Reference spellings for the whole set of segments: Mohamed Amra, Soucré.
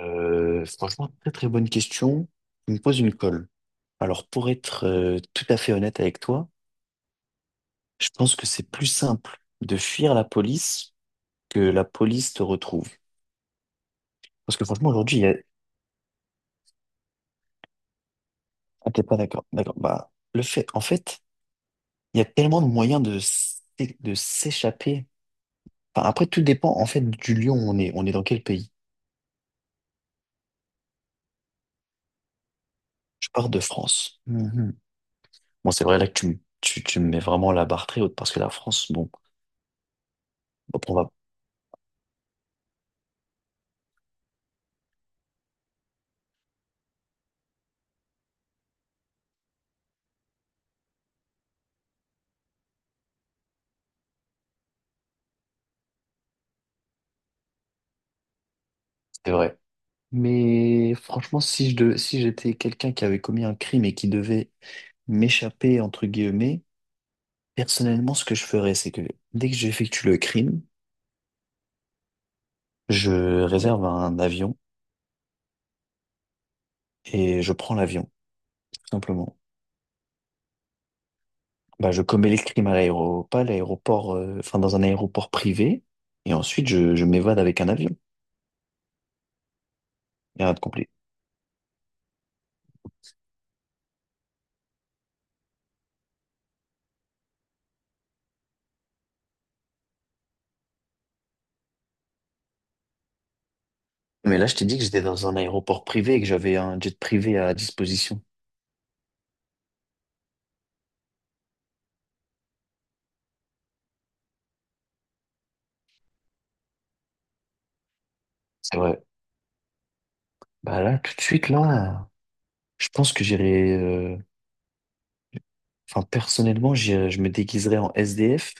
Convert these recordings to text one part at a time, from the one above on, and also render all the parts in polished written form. Franchement, très très bonne question. Tu me poses une colle. Alors, pour être tout à fait honnête avec toi, je pense que c'est plus simple de fuir la police que la police te retrouve. Parce que franchement, aujourd'hui, il y a... Ah, t'es pas d'accord. D'accord. Bah, le fait, en fait, il y a tellement de moyens de s'échapper. Enfin, après, tout dépend en fait du lieu où on est. On est dans quel pays? Je pars de France. Mhm. Bon, c'est vrai là que tu me mets vraiment la barre très haute parce que la France, bon, on va. C'est vrai. Mais franchement, si je devais- si j'étais quelqu'un qui avait commis un crime et qui devait m'échapper, entre guillemets, personnellement, ce que je ferais, c'est que dès que j'effectue le crime, je réserve un avion et je prends l'avion, tout simplement. Bah, je commets les crimes pas à l'aéroport, enfin dans un aéroport privé, et ensuite je m'évade avec un avion. Et rien de compliqué. Mais là, je t'ai dit que j'étais dans un aéroport privé et que j'avais un jet privé à disposition. C'est vrai. Bah là, tout de suite, là, je pense que j'irai. Enfin, personnellement, je me déguiserai en SDF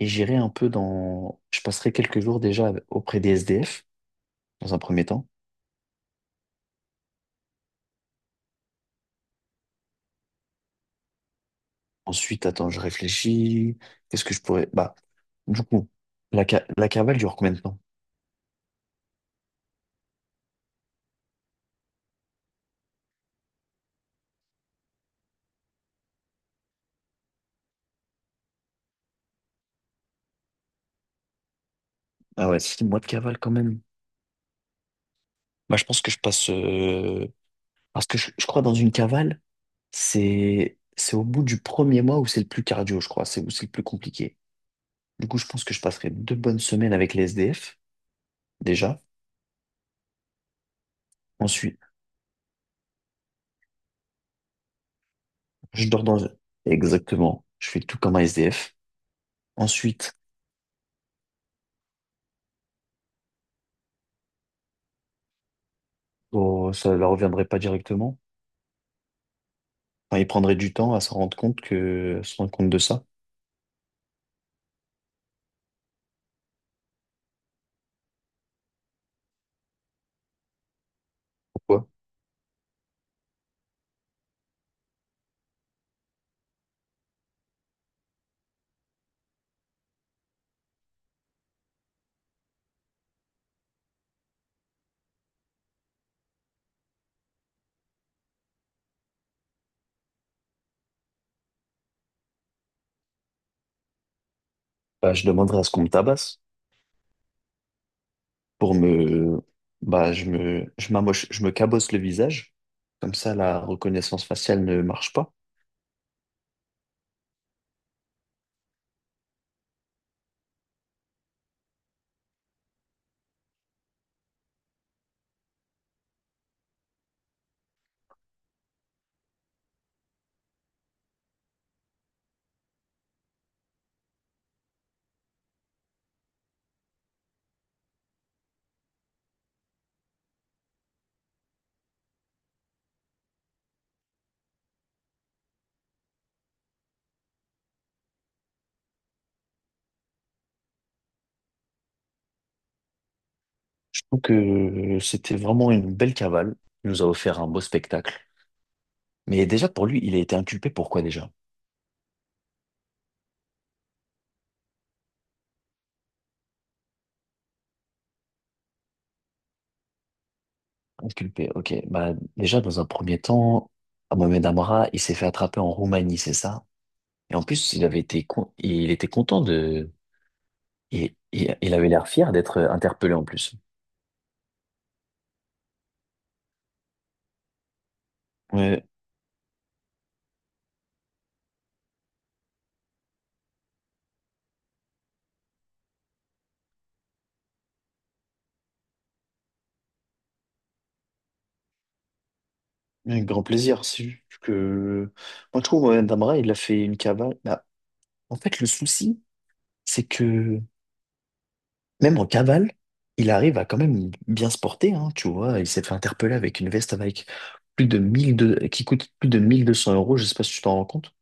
et j'irai un peu dans. Je passerai quelques jours déjà auprès des SDF, dans un premier temps. Ensuite, attends, je réfléchis. Qu'est-ce que je pourrais. Bah, du coup, la cavale dure combien de temps? Ah ouais, 6 mois de cavale quand même. Bah, je pense que je passe. Parce que je crois dans une cavale. C'est au bout du premier mois où c'est le plus cardio, je crois. C'est où c'est le plus compliqué. Du coup, je pense que je passerai 2 bonnes semaines avec les SDF, déjà. Ensuite, je dors dans... Exactement. Je fais tout comme un SDF. Ensuite, oh, ça leur reviendrait pas directement. Enfin, ils prendraient du temps à se rendre compte que... se rendre compte de ça. Pourquoi? Bah, je demanderai à ce qu'on me tabasse pour me... Bah, je me... Je m'amoche... je me cabosse le visage. Comme ça, la reconnaissance faciale ne marche pas. Je trouve que c'était vraiment une belle cavale. Il nous a offert un beau spectacle. Mais déjà, pour lui, il a été inculpé. Pourquoi déjà? Inculpé, ok. Bah, déjà, dans un premier temps, Mohamed Amra, il s'est fait attraper en Roumanie, c'est ça? Et en plus, il était content de, il avait l'air fier d'être interpellé en plus. Ouais, avec grand plaisir. C'est juste que, moi, je trouve, Mohamed Amra, il a fait une cavale. Bah, en fait, le souci, c'est que même en cavale, il arrive à quand même bien se porter, hein, tu vois. Il s'est fait interpeller avec une veste avec plus de 1200, qui coûte plus de 1 200 euros, je sais pas si tu t'en rends compte.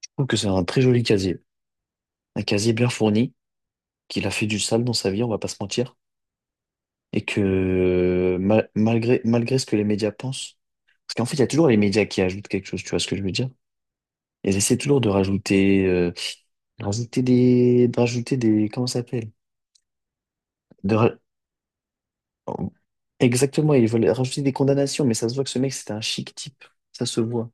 Je trouve que c'est un très joli casier. Un casier bien fourni, qu'il a fait du sale dans sa vie, on va pas se mentir. Et que malgré ce que les médias pensent, parce qu'en fait, il y a toujours les médias qui ajoutent quelque chose, tu vois ce que je veux dire? Ils essaient toujours de rajouter comment ça s'appelle? Oh, exactement, ils veulent rajouter des condamnations, mais ça se voit que ce mec, c'était un chic type. Ça se voit.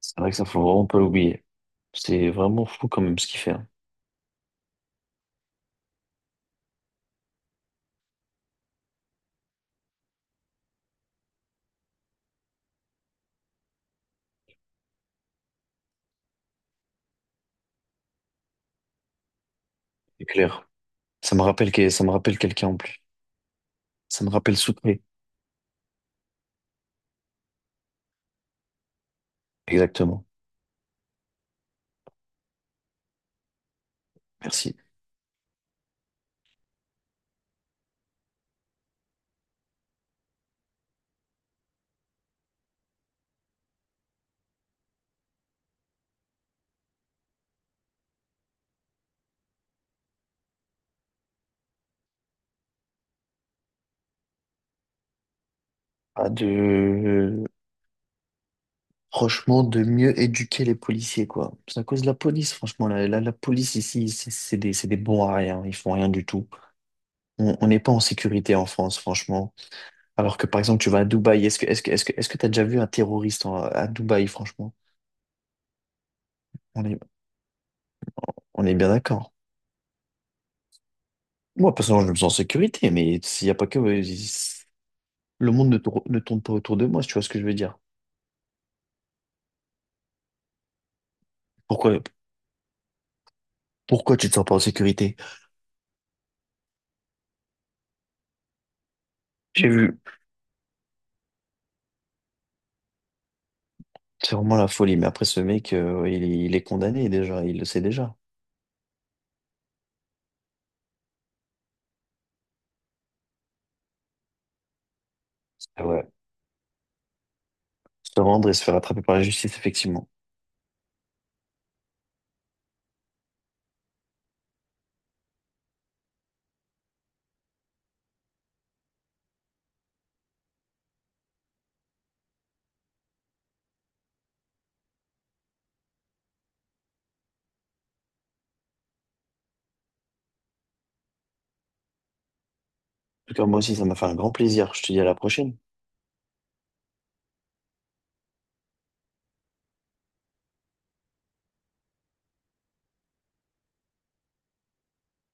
C'est vrai que ça, faut vraiment pas l'oublier. C'est vraiment fou quand même ce qu'il fait, hein. C'est clair. Ça me rappelle quelqu'un en plus. Ça me rappelle Soucré. Exactement. Merci. Pas de... Franchement, de mieux éduquer les policiers, quoi. C'est à cause de la police, franchement. La police ici, c'est des bons à rien. Ils font rien du tout. On n'est pas en sécurité en France, franchement. Alors que par exemple, tu vas à Dubaï, est-ce que t'as déjà vu un terroriste à Dubaï, franchement? On est, on est bien d'accord. Moi, personnellement, je me sens en sécurité, mais s'il n'y a pas que, le monde ne tourne pas autour de moi, si tu vois ce que je veux dire. Pourquoi, pourquoi tu te sens pas en sécurité? J'ai vu. C'est vraiment la folie, mais après ce mec, il est condamné déjà, il le sait déjà. Ah ouais. Se rendre et se faire attraper par la justice, effectivement. En tout cas, moi aussi, ça m'a fait un grand plaisir. Je te dis à la prochaine.